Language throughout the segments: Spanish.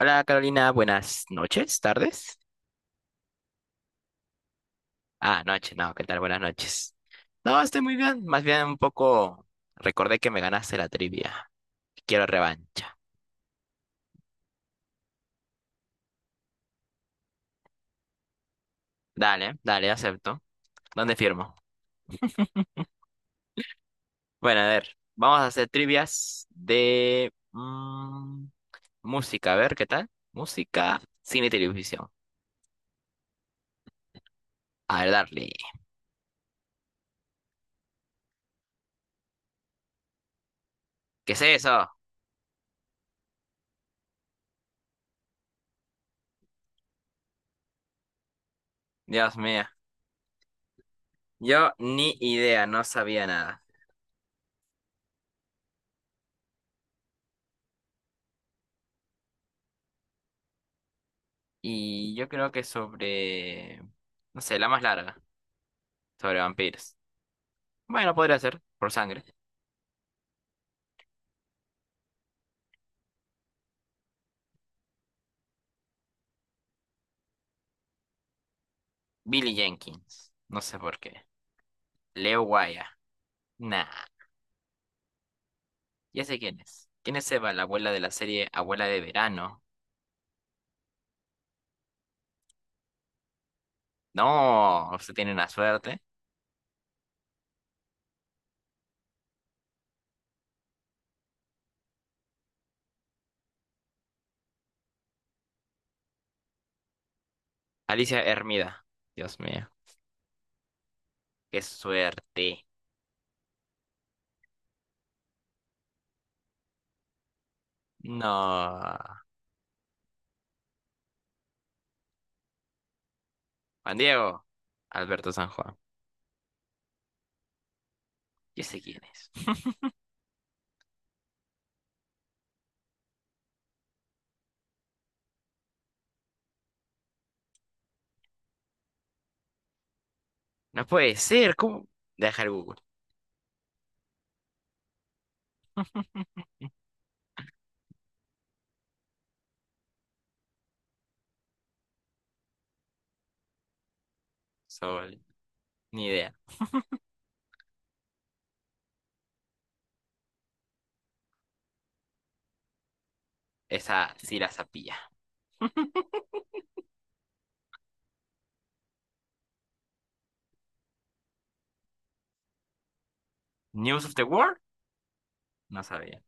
Hola Carolina, buenas noches, tardes. Ah, noche, no, ¿qué tal? Buenas noches. No, estoy muy bien, más bien un poco recordé que me ganaste la trivia. Quiero revancha. Dale, dale, acepto. ¿Dónde firmo? Bueno, a ver, vamos a hacer trivias de música, a ver, ¿qué tal? Música, cine y televisión. A ver, darle. ¿Qué es eso? Dios mío. Yo ni idea, no sabía nada. Y yo creo que sobre, no sé, la más larga. Sobre vampiros. Bueno, podría ser. Por sangre. Billy Jenkins. No sé por qué. Leo Waya. Nah. Ya sé quién es. ¿Quién es Eva, la abuela de la serie Abuela de Verano? No. Usted tiene una suerte. Alicia Hermida. Dios mío. Qué suerte. No. Juan Diego. Alberto San Juan. Ya sé quién es. No puede ser. ¿Cómo? Deja el Google. Sol. Ni idea. Esa sí la sapía. ¿News of the World? No sabía.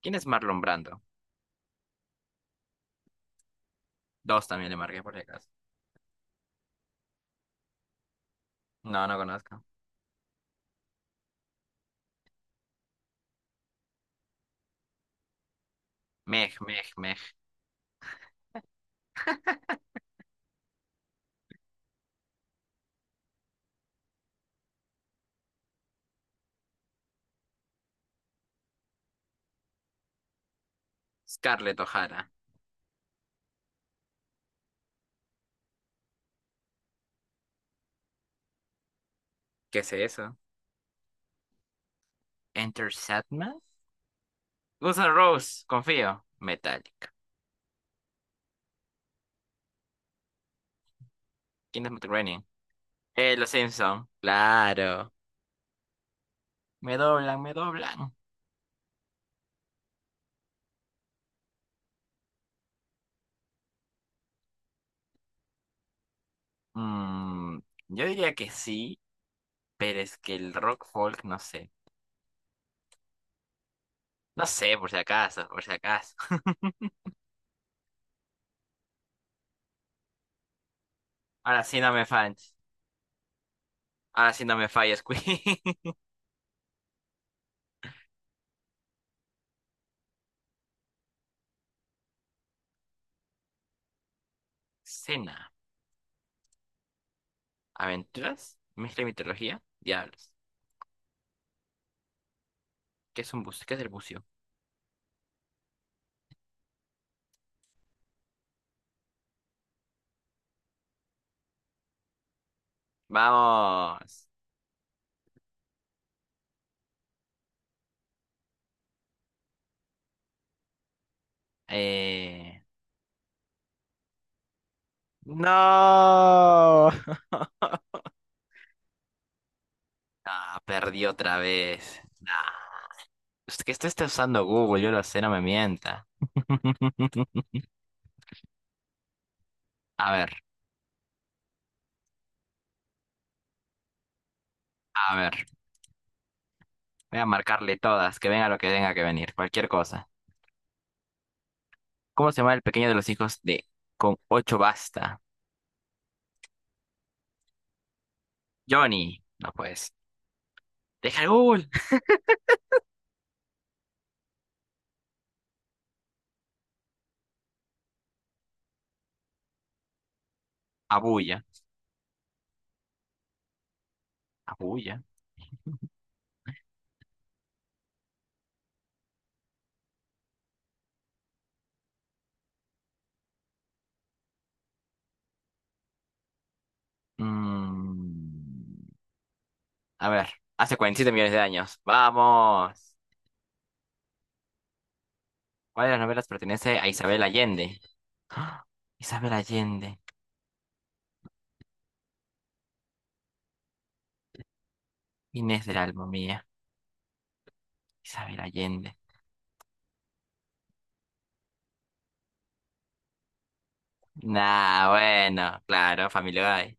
¿Quién es Marlon Brando? Dos también le marqué por si acaso. No, no conozco. Meg, Meg, Meg. Scarlett O'Hara. ¿Qué es eso? Enter Sandman. Guns N' Roses, confío. Metallica. Kingdom of the Raining. Los Simpson. Claro. Me doblan, me doblan. Mm, yo diría que sí, pero es que el rock folk, no sé. No sé, por si acaso, por si acaso. Ahora sí no me falles. Ahora sí no me falles, Queen. Cena. ¿Aventuras? ¿Mezcla de mitología? Diablos. ¿Qué es un bucio? ¿Qué es el bucio? Vamos. Eh, No. Ah, perdí otra vez. Ah, es que esto está usando Google, yo lo sé, no me mienta. A ver, a ver. Voy a marcarle todas, que venga lo que tenga que venir, cualquier cosa. ¿Cómo se llama el pequeño de los hijos de con ocho basta? Johnny. No pues. Deja el Google. Abuya. Abuya. Mm, a ver, hace 47 millones de años. Vamos. ¿Cuál de las novelas pertenece a Isabel Allende? ¡Ah! Isabel Allende. Inés del alma mía. Isabel Allende. Nah, bueno, claro, Familia Guy.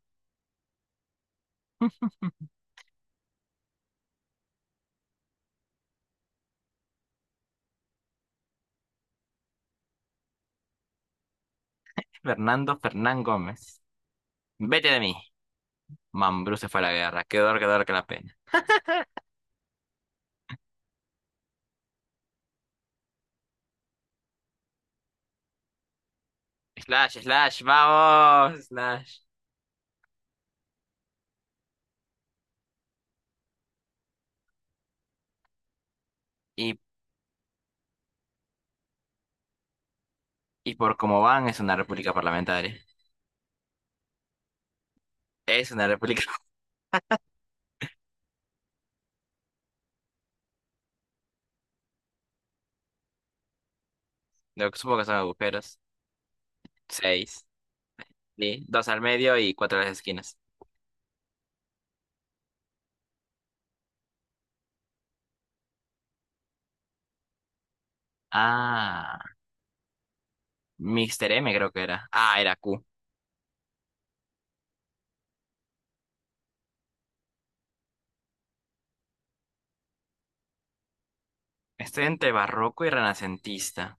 Fernando Fernán Gómez. Vete de mí. Mambrú se fue a la guerra. Qué dolor, qué dolor, qué la pena. Slash, slash, vamos, slash. Y, y por cómo van, es una república parlamentaria. Es una república. Lo que supongo que son agujeros. Seis. ¿Sí? Dos al medio y cuatro a las esquinas. Ah. Mister M creo que era. Ah, era Q. Estoy entre barroco y renacentista.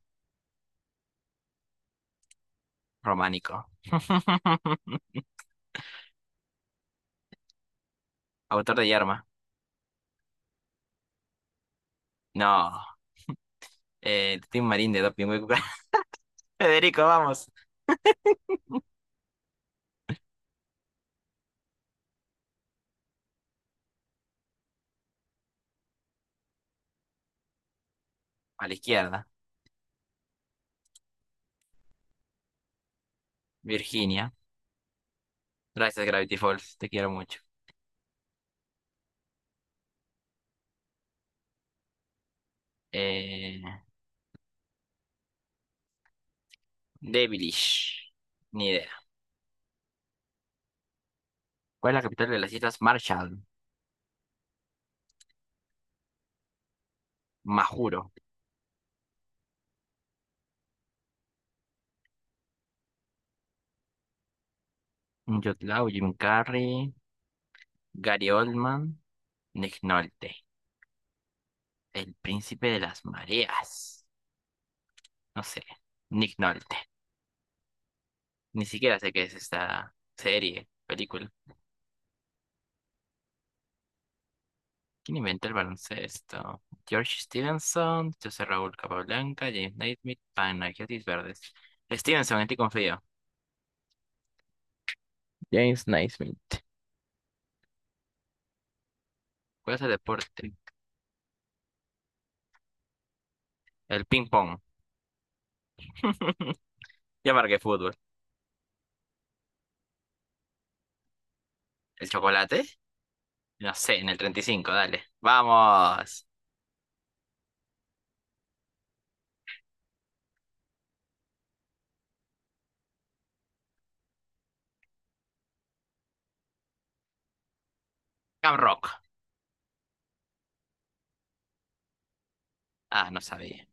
Románico. Autor de Yerma. No. Tim Marín de Doping Hueco. Federico, vamos. A la izquierda. Virginia. Gracias, Gravity Falls. Te quiero mucho. Eh, Devilish. Ni idea. ¿Cuál es la capital de las Islas Marshall? Majuro. Yotlao, Jim Carrey. Gary Oldman. Nick Nolte. El príncipe de las mareas. No sé. Nick Nolte. Ni siquiera sé qué es esta serie, película. ¿Quién inventó el baloncesto? George Stevenson, José Raúl Capablanca, James Naismith, Panagiotis Verdes. Stevenson, en ti confío. James Naismith. ¿Cuál es el deporte? El ping-pong. Ya marqué fútbol. ¿El chocolate? No sé, en el 35, dale. ¡Vamos! Cam Rock. Ah, no sabía.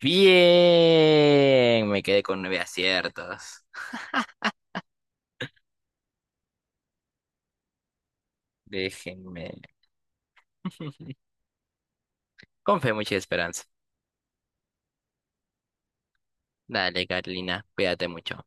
Bien, me quedé con 9 aciertos. Déjenme. Con fe, mucha esperanza. Dale, Carolina, cuídate mucho.